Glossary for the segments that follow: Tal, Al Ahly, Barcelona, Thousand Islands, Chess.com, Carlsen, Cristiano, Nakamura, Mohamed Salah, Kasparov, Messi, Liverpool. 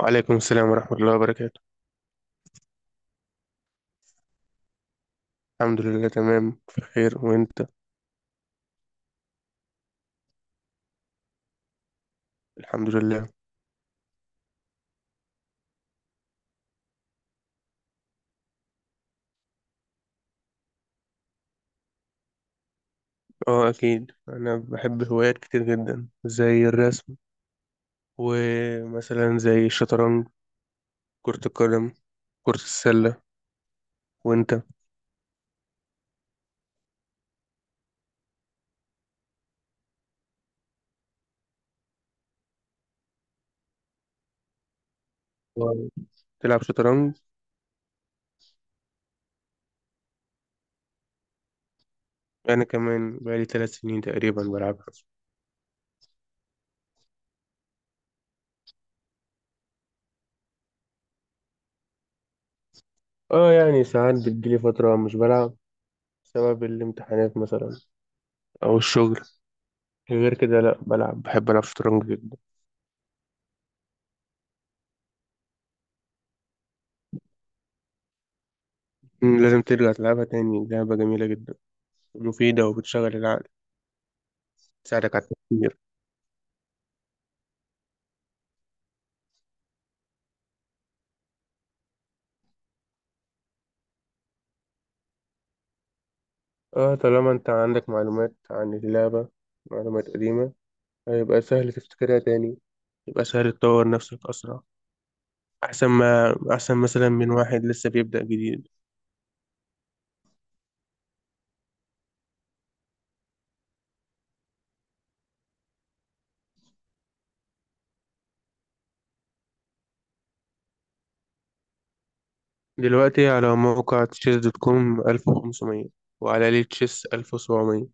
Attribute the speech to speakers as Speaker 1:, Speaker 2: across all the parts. Speaker 1: وعليكم السلام ورحمة الله وبركاته. الحمد لله، تمام في خير، وانت؟ الحمد لله. اه، اكيد انا بحب هوايات كتير جدا زي الرسم، ومثلا زي الشطرنج، كرة القدم، كرة السلة. وانت؟ واو. تلعب شطرنج؟ انا كمان بقالي 3 سنين تقريبا بلعبها. اه يعني ساعات بتجيلي فترة مش بلعب، بسبب الامتحانات مثلا او الشغل، غير كده لا بلعب، بحب العب شطرنج جدا. لازم ترجع تلعبها تاني، لعبة جميلة جدا مفيدة وبتشغل العقل، تساعدك على التفكير. اه طالما انت عندك معلومات عن اللعبة، معلومات قديمة، هيبقى سهل تفتكرها تاني، يبقى سهل تطور نفسك أسرع، أحسن ما أحسن مثلا من واحد لسه بيبدأ جديد. دلوقتي على موقع تشيس دوت كوم 1500، وعلى ليه تشيس 1700.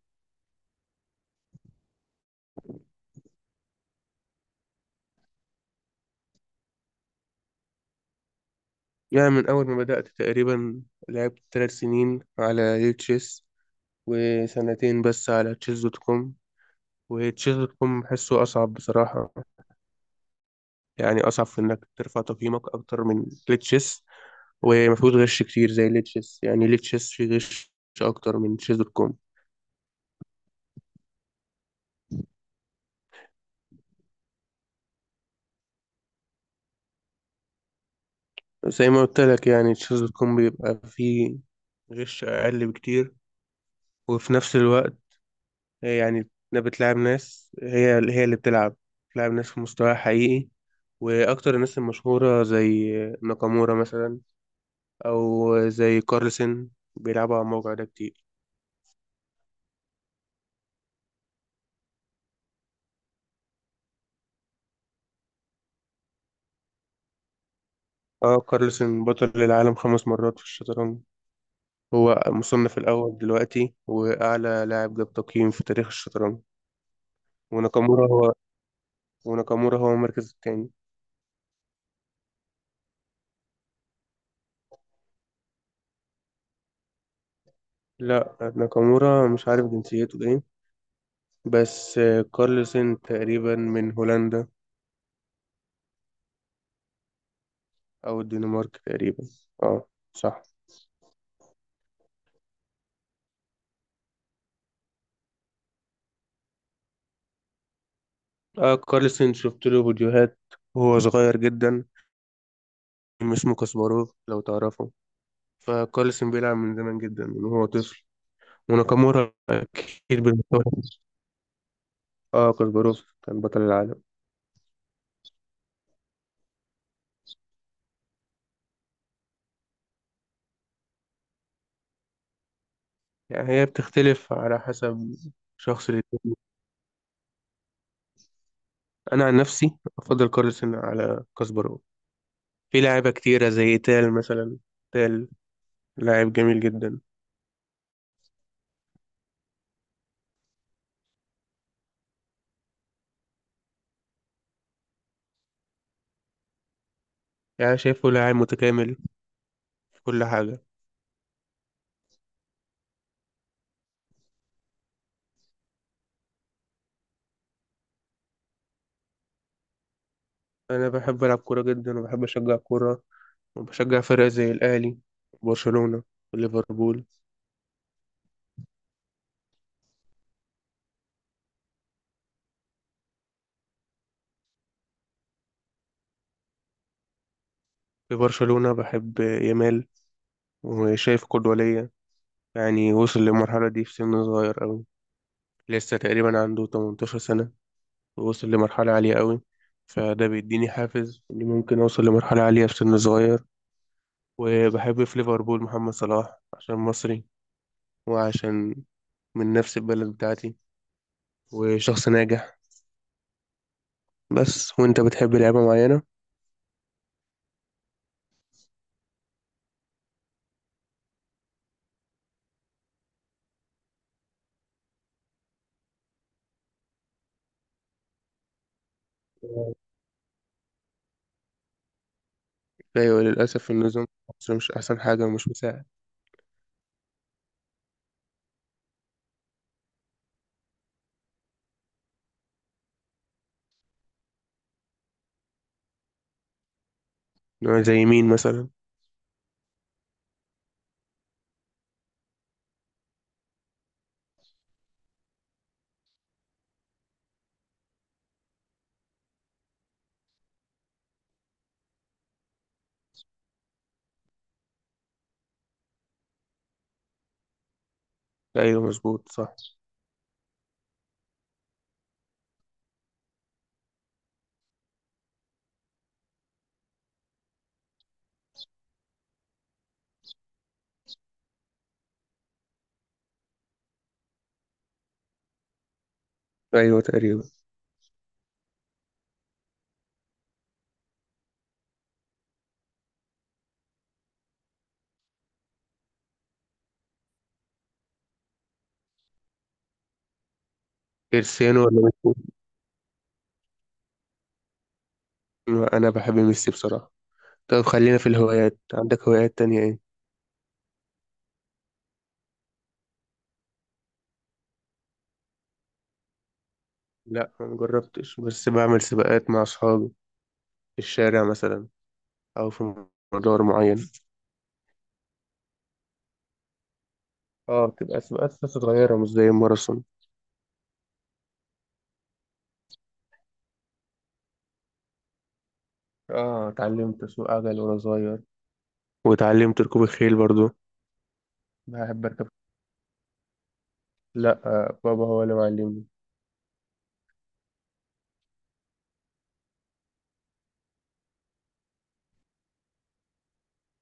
Speaker 1: يعني من أول ما بدأت تقريبا، لعبت 3 سنين على ليه تشيس، وسنتين بس على تشيس دوت كوم. وتشيس دوت كوم بحسه أصعب بصراحة، يعني أصعب في إنك ترفع تقييمك أكتر من تشيس، ومفيهوش غش كتير زي تشيس، يعني تشيس فيه غش أكتر من تشيس دوت كوم. زي ما قلت لك، يعني تشيس دوت كوم بيبقى فيه غش أقل بكتير، وفي نفس الوقت يعني بتلعب ناس، هي هي اللي بتلعب ناس في مستوى حقيقي. وأكتر الناس المشهورة زي ناكامورا مثلا، أو زي كارلسن، بيلعبوا على الموقع ده كتير. اه كارلسن بطل العالم 5 مرات في الشطرنج، هو مصنف الأول دلوقتي وأعلى لاعب جاب تقييم في تاريخ الشطرنج. وناكامورا هو وناكامورا هو المركز التاني. لا، ناكامورا مش عارف جنسيته ايه، بس كارلسن تقريبا من هولندا، أو الدنمارك تقريبا. اه صح. اه كارلسن شفت له فيديوهات وهو صغير جدا، اسمه كاسباروف لو تعرفه. فكارلسن بيلعب من زمان جدا، من وهو طفل، وناكامورا أكيد بالمستوى. اه كاسباروف كان بطل العالم. يعني هي بتختلف على حسب شخص للتاني. انا عن نفسي افضل كارلسن على كاسبارو. في لاعيبه كتيره زي تال مثلا. تال لاعب جميل جدا. يعني شايفه لاعب متكامل في كل حاجه. انا بحب العب كوره جدا وبحب اشجع كوره، وبشجع فرق زي الاهلي وبرشلونه وليفربول. في برشلونه بحب يامال، وشايف قدوه ليا، يعني وصل للمرحله دي في سن صغير أوي، لسه تقريبا عنده 18 سنه، ووصل لمرحلة عالية قوي، فده بيديني حافز إني ممكن أوصل لمرحلة عالية في سن صغير. وبحب في ليفربول محمد صلاح عشان مصري، وعشان من نفس البلد بتاعتي، وشخص ناجح بس. وأنت بتحب لعبة معينة؟ أيوة، للأسف النظام في مصر مش أحسن حاجة ومش مساعد. زي مين مثلا؟ أيوة مظبوط صح. أيوة تقريبا. كريستيانو ولا ميسي؟ أنا بحب ميسي بصراحة. طب خلينا في الهوايات، عندك هوايات تانية إيه؟ لا ما جربتش، بس بعمل سباقات مع أصحابي في الشارع مثلا، أو في مدار معين. اه بتبقى سباقات بس صغيرة، مش زي الماراثون. اه اتعلمت أسوق عجل وأنا صغير، واتعلمت ركوب الخيل برضو، بحب أركب. لأ، بابا هو اللي معلمني.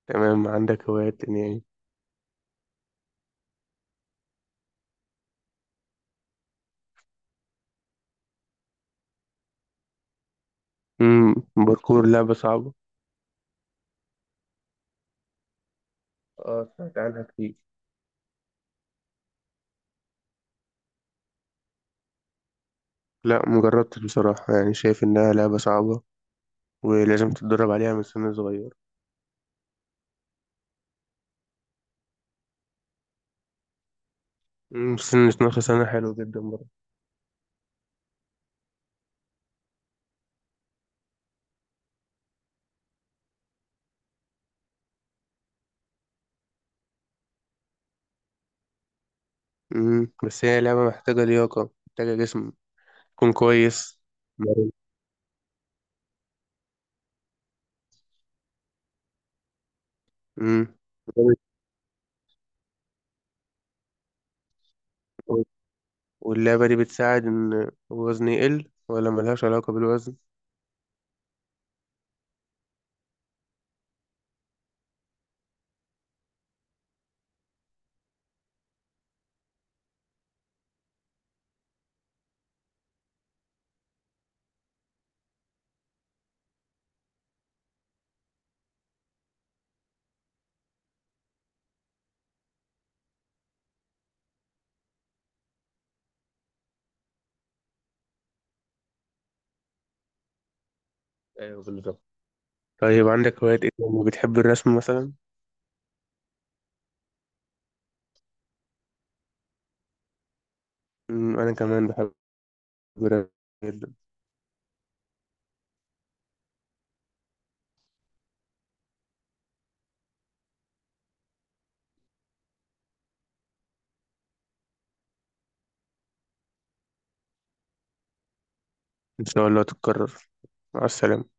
Speaker 1: تمام، عندك هوايات تانية يعني؟ باركور لعبة صعبة. اه سمعت عنها كتير. لا مجربتش بصراحة، يعني شايف إنها لعبة صعبة ولازم تتدرب عليها من سن صغير. سن 12 سنة حلو جدا برضه. بس هي لعبة محتاجة لياقة، محتاجة جسم تكون كويس. امم واللعبة دي بتساعد إن الوزن يقل ولا ملهاش علاقة بالوزن؟ ايوه بالظبط. طيب عندك هوايات إيه تاني؟ بتحب الرسم مثلا؟ أنا كمان بحب الرسم جدا. إن شاء الله تتكرر. مع السلامة.